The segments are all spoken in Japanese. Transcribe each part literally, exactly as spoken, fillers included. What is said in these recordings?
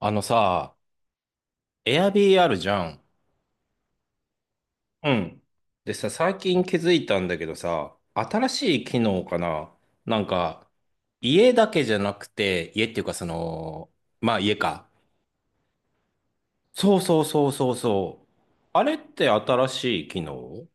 あのさ、a i r b あるじゃん。うん。でさ、最近気づいたんだけどさ、新しい機能かな。なんか、家だけじゃなくて、家っていうかその、まあ家か。そうそうそうそうそう。あれって新しい機能？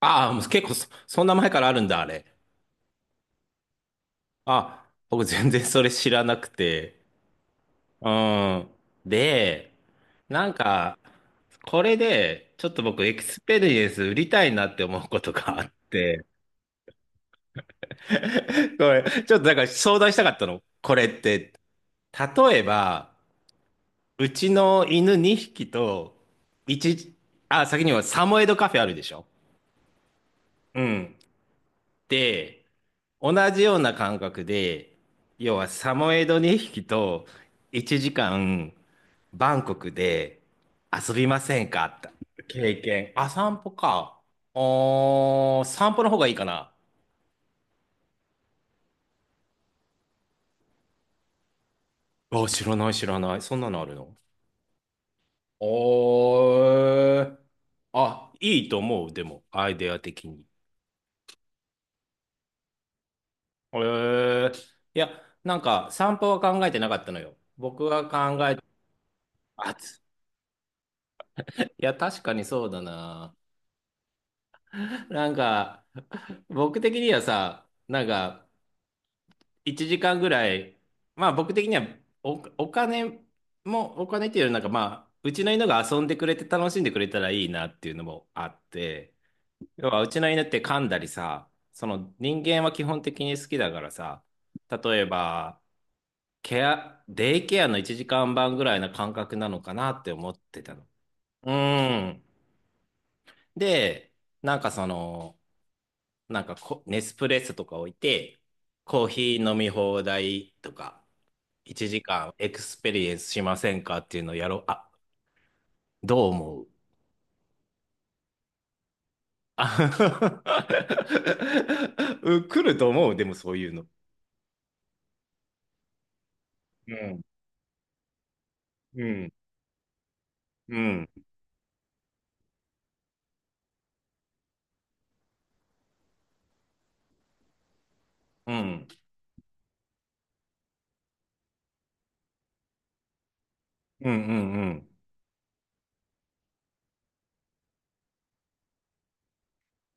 ああ、もう結構そ、そんな前からあるんだ、あれ。あ、僕全然それ知らなくて。うん。で、なんか、これで、ちょっと僕、エクスペリエンス売りたいなって思うことがあって、これ、ちょっとなんか相談したかったの。これって、例えば、うちの犬にひきと、いち、あ、先にはサモエドカフェあるでしょ？うん。で、同じような感覚で、要はサモエドにひきといちじかんバンコクで遊びませんかって経験。あ、散歩か。おー、散歩の方がいいかな。あ、知らない知らない。そんなのあるの？おー。あ、いいと思う。でも、アイデア的に。えー、いや、なんか散歩は考えてなかったのよ。僕が考え、あ、ついや、確かにそうだな。なんか、僕的にはさ、なんか、いちじかんぐらい、まあ僕的にはお、お金も、お金っていうよりなんかまあ、うちの犬が遊んでくれて楽しんでくれたらいいなっていうのもあって、要はうちの犬って噛んだりさ、その人間は基本的に好きだからさ、例えば、ケア、デイケアのいちじかんはんぐらいな感覚なのかなって思ってたの。うん。で、なんかその、なんかこネスプレッソとか置いて、コーヒー飲み放題とか、いちじかんエクスペリエンスしませんかっていうのをやろう。あ、どう思う？あ うん来ると思う、でもそういうの。うん、うん、うん、うん、うん、うん、うん。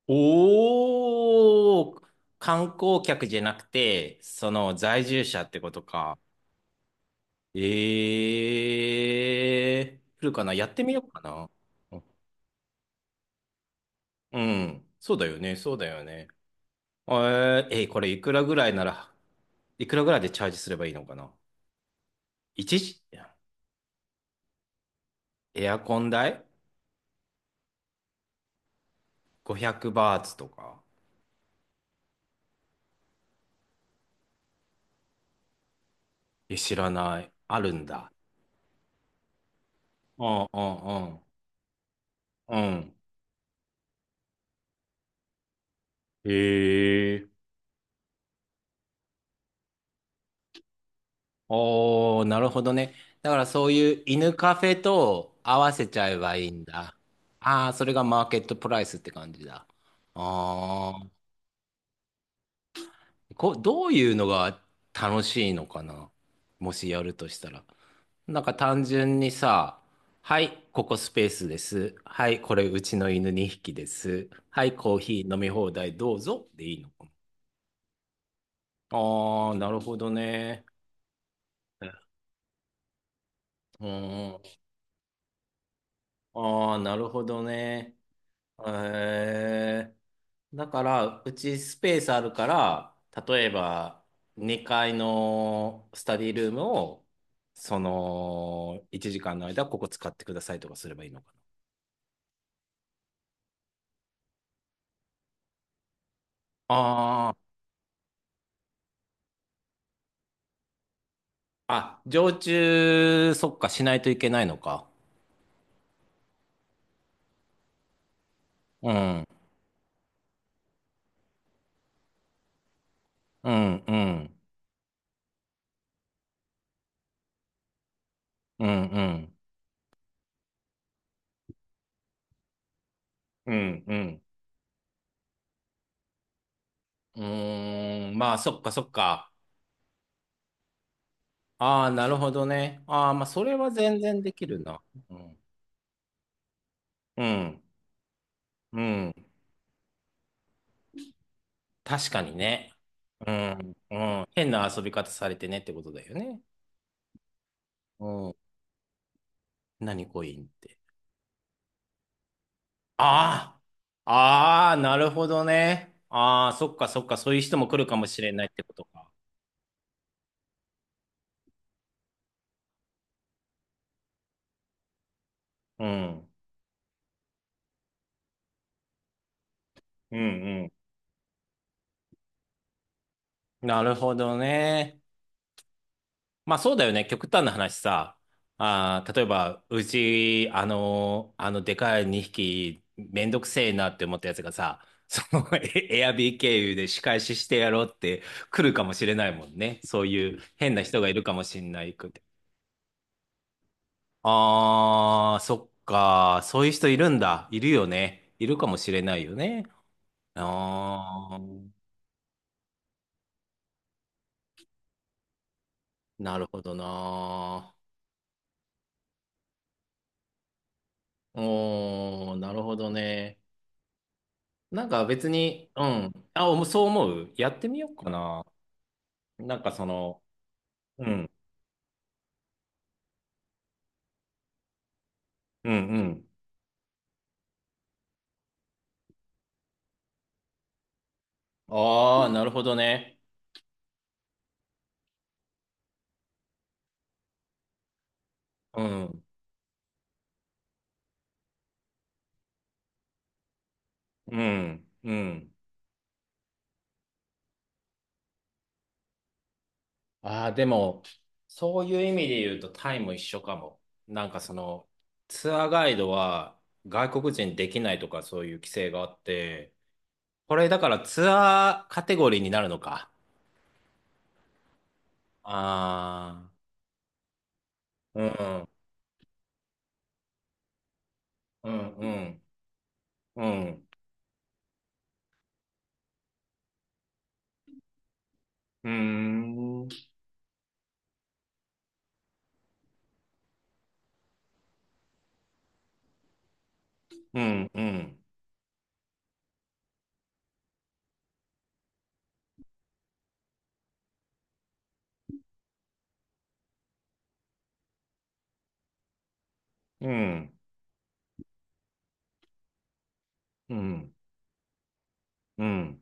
おー、観光客じゃなくて、その在住者ってことか。えー、来るかなやってみようかな。うん。そうだよね。そうだよね。えー、えーこれいくらぐらいなら、いくらぐらいでチャージすればいいのかな？一時、エアコン代 ?ごひゃく バーツとか。え、知らない。あるんだ。うんうんうん。うん。へえ。おー、なるほどね。だからそういう犬カフェと合わせちゃえばいいんだ。ああ、それがマーケットプライスって感じだ。あこどういうのが楽しいのかな、もしやるとしたら。なんか単純にさ、はい、ここスペースです。はい、これうちの犬にひきです。はい、コーヒー飲み放題どうぞでいいのかな？ああー、なるほどね。うん。ああ、なるほどね。へえ。だから、うちスペースあるから、例えばにかいのスタディルームを、そのいちじかんの間、ここ使ってくださいとかすればいいのかな。ああ、あ、常駐、そっか、しないといけないのか。うん、うん、うん、うん、うん、うん、うん。うーん、まあ、そっか、そっか。ああ、なるほどね。ああ、まあ、それは全然できるな。うん、うん、うん。確かにね。うん、うん。変な遊び方されてねってことだよね。うん。何コインって。ああ、ああ、なるほどね。ああ、そっかそっか、そういう人も来るかもしれないってことか。うん。うんうん。なるほどね。まあそうだよね。極端な話さ。あー、例えば、うち、あのあの、でかいにひき、めんどくせえなって思ったやつがさ、その、エエアビー経由で仕返ししてやろうって来るかもしれないもんね。そういう変な人がいるかもしれないくて。あー、そっか。そういう人いるんだ。いるよね。いるかもしれないよね。あー、なるほどな。おー、なるほどね。なんか別に、うん。あ、おもそう思うやってみようかな。なんかその、うん、うん、うん。ああ、なるほどね。うん、うん、うん。ああ、でも、そういう意味で言うとタイも一緒かも。なんかその、ツアーガイドは外国人できないとかそういう規制があって、これだからツアーカテゴリーになるのか。ああ、うん、うん、うん、うん、うん、うん、うん。うんうん、うん、うん。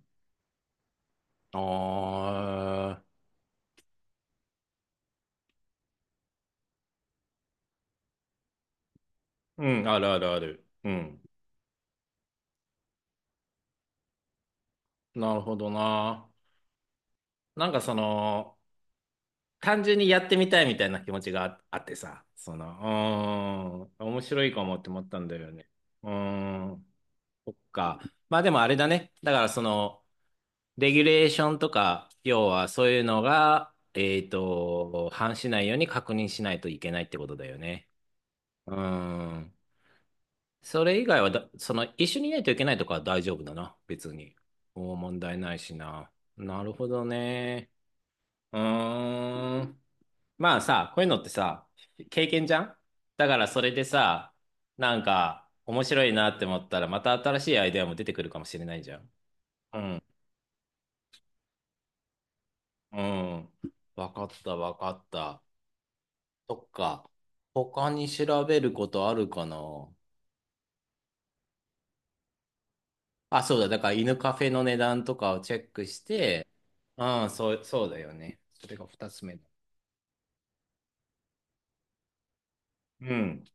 ああ、うん、あるあるある。うん。なるほどな。なんかその、単純にやってみたいみたいな気持ちがああってさ、その、うーん、面白いかもって思ったんだよね。うーん、そっか。まあでもあれだね。だからその、レギュレーションとか、要はそういうのが、えっと、反しないように確認しないといけないってことだよね。うーん。それ以外はだ、その、一緒にいないといけないとかは大丈夫だな、別に。もう問題ないしな。なるほどね。うーん。まあさ、こういうのってさ、経験じゃん。だからそれでさ、なんか、面白いなって思ったら、また新しいアイデアも出てくるかもしれないじゃん。うん。うん。わかった、わかった。そっか。他に調べることあるかな？あ、そうだ。だから犬カフェの値段とかをチェックして、ああ、そう、そうだよね。それが二つ目だ。うん。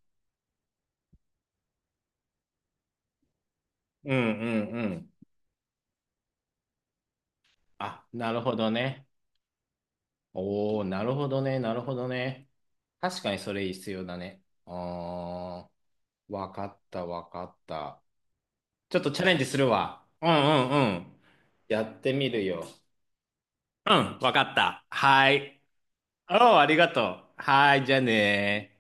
うんうんうん。あ、なるほどね。おお、なるほどね、なるほどね。確かにそれ必要だね。ああ、わかった、わかった。ちょっとチャレンジするわ。うんうんうん。やってみるよ。うん、わかった。はい。おお、ありがとう。はい、じゃあね。